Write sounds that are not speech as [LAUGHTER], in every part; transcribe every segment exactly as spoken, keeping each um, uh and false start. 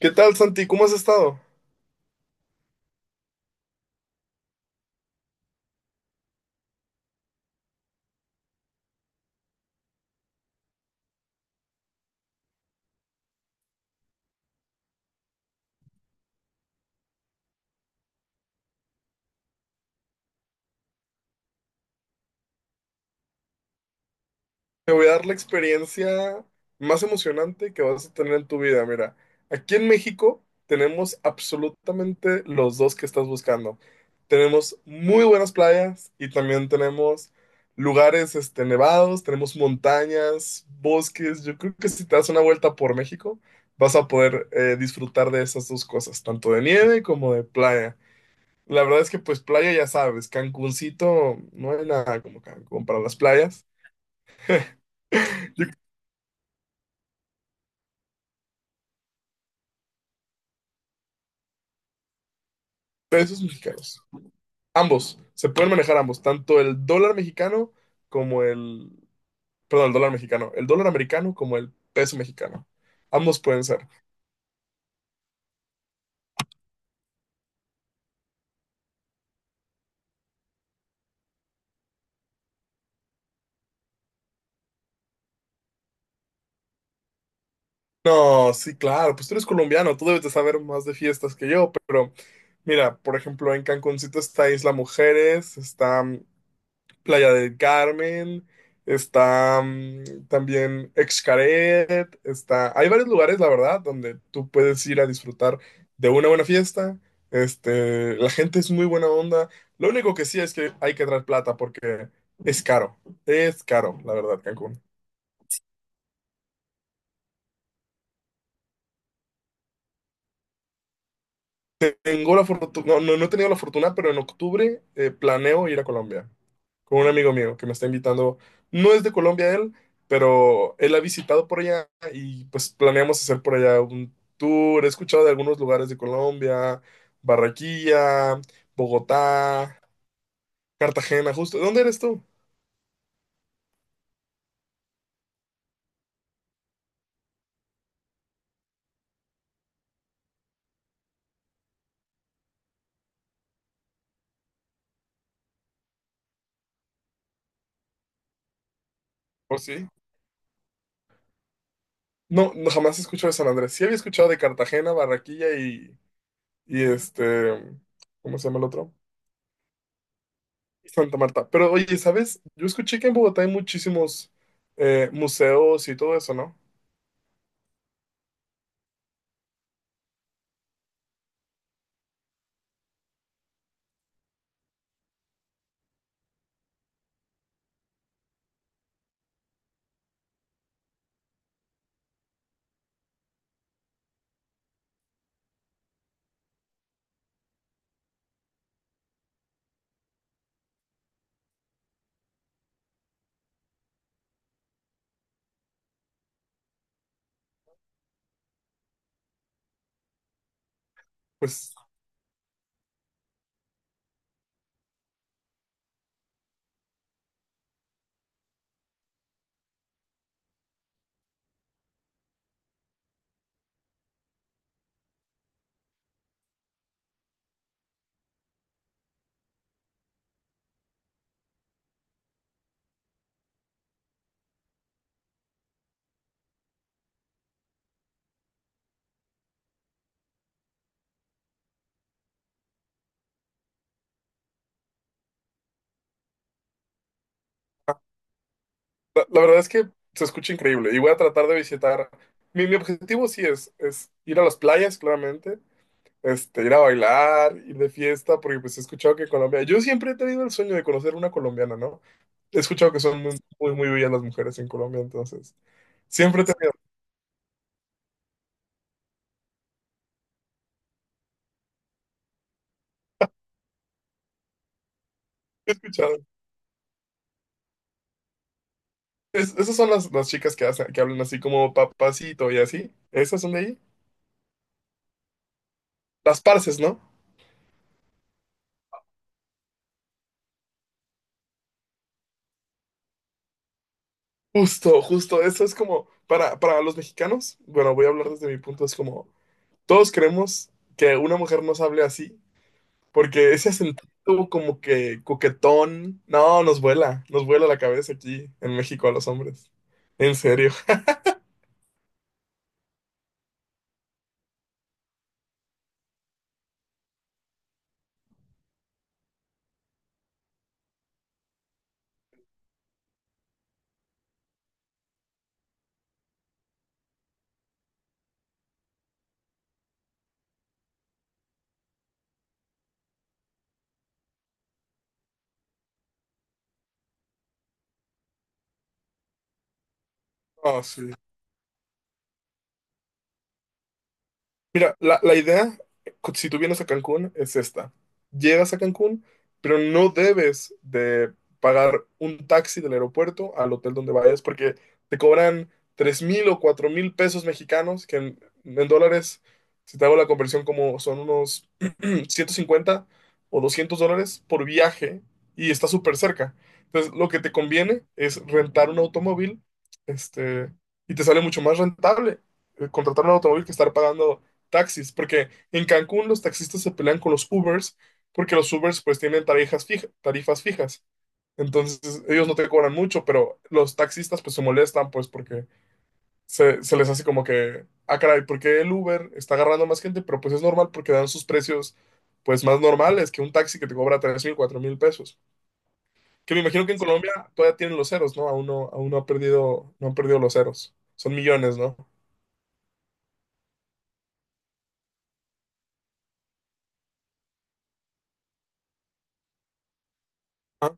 ¿Qué tal, Santi? ¿Cómo has estado? Te voy a dar la experiencia más emocionante que vas a tener en tu vida. Mira, aquí en México tenemos absolutamente los dos que estás buscando. Tenemos muy buenas playas y también tenemos lugares, este, nevados, tenemos montañas, bosques. Yo creo que si te das una vuelta por México, vas a poder eh, disfrutar de esas dos cosas, tanto de nieve como de playa. La verdad es que pues playa ya sabes, Cancuncito, no hay nada como Cancún para las playas. [LAUGHS] Yo creo que esos mexicanos. Ambos, se pueden manejar ambos, tanto el dólar mexicano como el, perdón, el dólar mexicano, el dólar americano como el peso mexicano. Ambos pueden ser. No, sí, claro, pues tú eres colombiano, tú debes de saber más de fiestas que yo, pero mira, por ejemplo, en Cancuncito está Isla Mujeres, está mm, Playa del Carmen, está mm, también Xcaret, está... Hay varios lugares, la verdad, donde tú puedes ir a disfrutar de una buena fiesta. Este, la gente es muy buena onda. Lo único que sí es que hay que traer plata porque es caro. Es caro, la verdad, Cancún. Tengo la fortuna, no, no, no he tenido la fortuna, pero en octubre eh, planeo ir a Colombia con un amigo mío que me está invitando. No es de Colombia él, pero él ha visitado por allá y pues planeamos hacer por allá un tour. He escuchado de algunos lugares de Colombia: Barranquilla, Bogotá, Cartagena, justo. ¿Dónde eres tú? ¿O sí? No, no jamás he escuchado de San Andrés. Sí había escuchado de Cartagena, Barranquilla y, y este, ¿cómo se llama el otro? Santa Marta. Pero oye, ¿sabes? Yo escuché que en Bogotá hay muchísimos eh, museos y todo eso, ¿no? Pues La, la verdad es que se escucha increíble y voy a tratar de visitar. Mi, mi objetivo sí es, es ir a las playas, claramente, este, ir a bailar, ir de fiesta, porque pues he escuchado que Colombia, yo siempre he tenido el sueño de conocer una colombiana, ¿no? He escuchado que son muy, muy, muy bellas las mujeres en Colombia, entonces, siempre he tenido, he escuchado. Es- esas son las, las chicas que hacen, que hablan así como papacito y así, esas son de ahí. Las parces, ¿no? Justo, justo, eso es como, para, para los mexicanos, bueno, voy a hablar desde mi punto, es como todos creemos que una mujer nos hable así, porque ese acento como que coquetón, no, nos vuela, nos vuela la cabeza aquí en México a los hombres. En serio. [LAUGHS] Ah, sí. Mira, la, la idea, si tú vienes a Cancún, es esta. Llegas a Cancún, pero no debes de pagar un taxi del aeropuerto al hotel donde vayas porque te cobran tres mil o cuatro mil pesos mexicanos, que en, en dólares, si te hago la conversión, como son unos [CLEARS THROAT] ciento cincuenta o doscientos dólares por viaje, y está súper cerca. Entonces, lo que te conviene es rentar un automóvil, este, y te sale mucho más rentable eh, contratar un automóvil que estar pagando taxis, porque en Cancún los taxistas se pelean con los Ubers, porque los Ubers pues tienen tarifas fija- tarifas fijas. Entonces ellos no te cobran mucho, pero los taxistas pues se molestan pues porque se, se les hace como que, ah, caray, ¿por qué el Uber está agarrando más gente? Pero pues es normal porque dan sus precios pues más normales que un taxi que te cobra tres mil, cuatro mil pesos. Que me imagino que en Sí. Colombia todavía tienen los ceros, ¿no? Aún no, aún no ha perdido, no han perdido los ceros. Son millones, ¿no? Ah,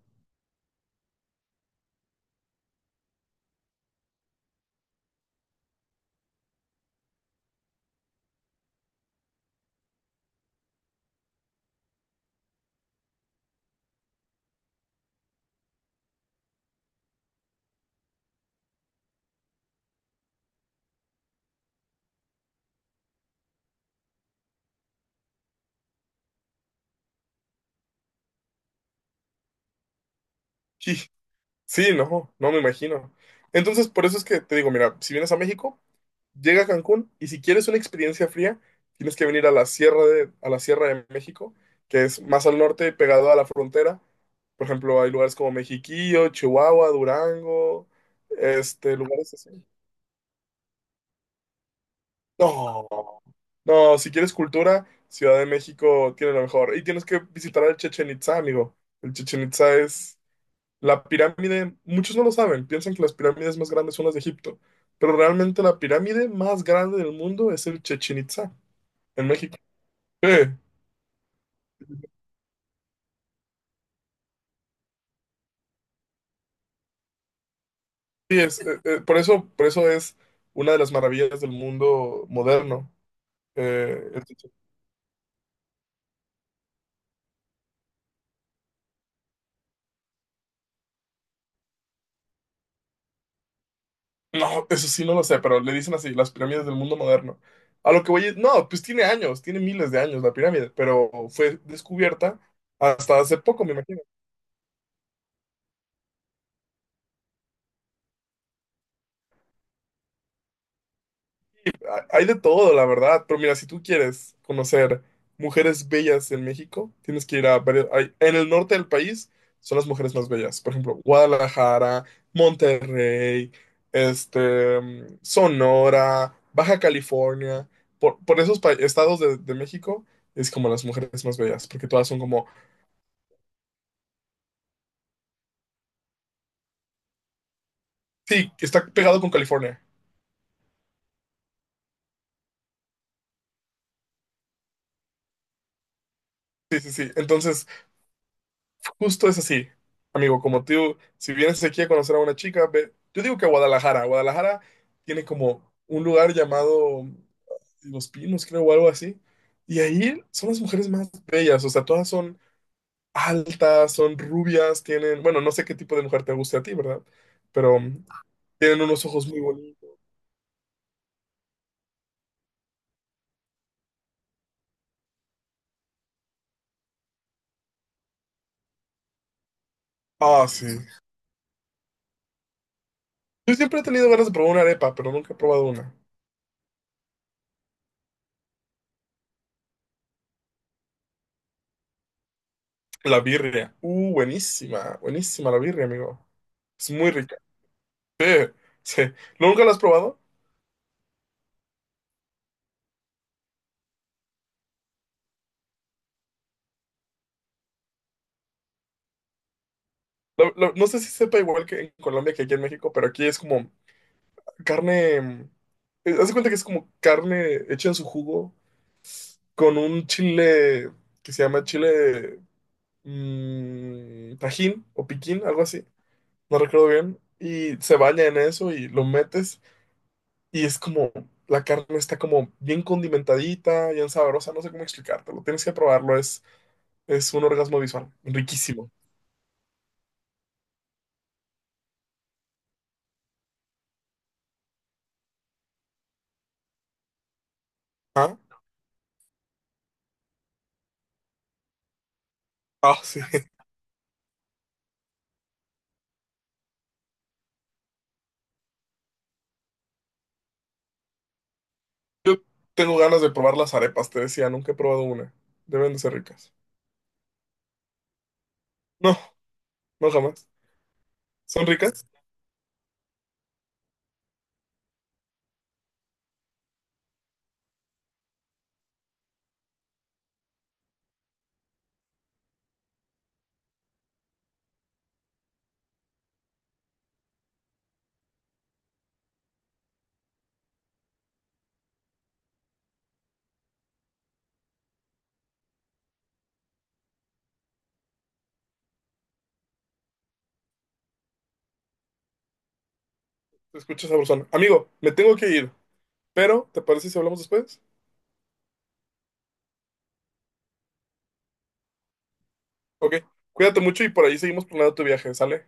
sí. Sí, no, no me imagino. Entonces, por eso es que te digo, mira, si vienes a México, llega a Cancún, y si quieres una experiencia fría, tienes que venir a la Sierra de, a la Sierra de México, que es más al norte, pegado a la frontera. Por ejemplo, hay lugares como Mexiquillo, Chihuahua, Durango, este, lugares así. No, no, si quieres cultura, Ciudad de México tiene lo mejor. Y tienes que visitar el Chichen Itzá, amigo. El Chichen Itzá es la pirámide. Muchos no lo saben, piensan que las pirámides más grandes son las de Egipto, pero realmente la pirámide más grande del mundo es el Chichén Itzá, en México. Sí, sí, es, eh, eh, por eso, por eso es una de las maravillas del mundo moderno. Eh, el Chichén- no, eso sí no lo sé, pero le dicen así, las pirámides del mundo moderno. A lo que voy es, no, pues tiene años, tiene miles de años la pirámide, pero fue descubierta hasta hace poco, me imagino. ha- Hay de todo, la verdad, pero mira, si tú quieres conocer mujeres bellas en México, tienes que ir a varios... hay- en el norte del país son las mujeres más bellas, por ejemplo, Guadalajara, Monterrey, este, mm, Sonora, Baja California. Por, por esos pa- estados de, de México es como las mujeres más bellas, porque todas son como. Sí, está pegado con California. Sí, sí, sí. Entonces. Justo es así, amigo, como tú, si vienes aquí a conocer a una chica, ve, yo digo que a Guadalajara. Guadalajara tiene como un lugar llamado Los Pinos, creo, o algo así, y ahí son las mujeres más bellas, o sea, todas son altas, son rubias, tienen, bueno, no sé qué tipo de mujer te guste a ti, ¿verdad? Pero mm, tienen unos ojos muy bonitos. Ah, sí. Yo siempre he tenido ganas de probar una arepa, pero nunca he probado una. La birria, uh, buenísima, buenísima la birria, amigo, es muy rica. Sí. ¿Nunca la has probado? Lo- lo- no sé si sepa igual que en Colombia que aquí en México, pero aquí es como carne. eh, Haz de cuenta que es como carne hecha en su jugo con un chile que se llama chile mm, tajín o piquín, algo así. No recuerdo bien. Y se baña en eso y lo metes, y es como la carne está como bien condimentadita, bien sabrosa. No sé cómo explicártelo. Tienes que probarlo. Es, es un orgasmo visual. Riquísimo. Ah, ah, sí. Yo tengo ganas de probar las arepas, te decía, nunca he probado una. Deben de ser ricas. No, no jamás. ¿Son ricas? Se escucha sabrosón. Amigo, me tengo que ir, pero ¿te parece si hablamos después? Ok, cuídate mucho y por ahí seguimos planeando tu viaje, ¿sale?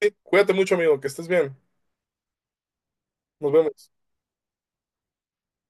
Sí, cuídate mucho, amigo, que estés bien. Nos vemos.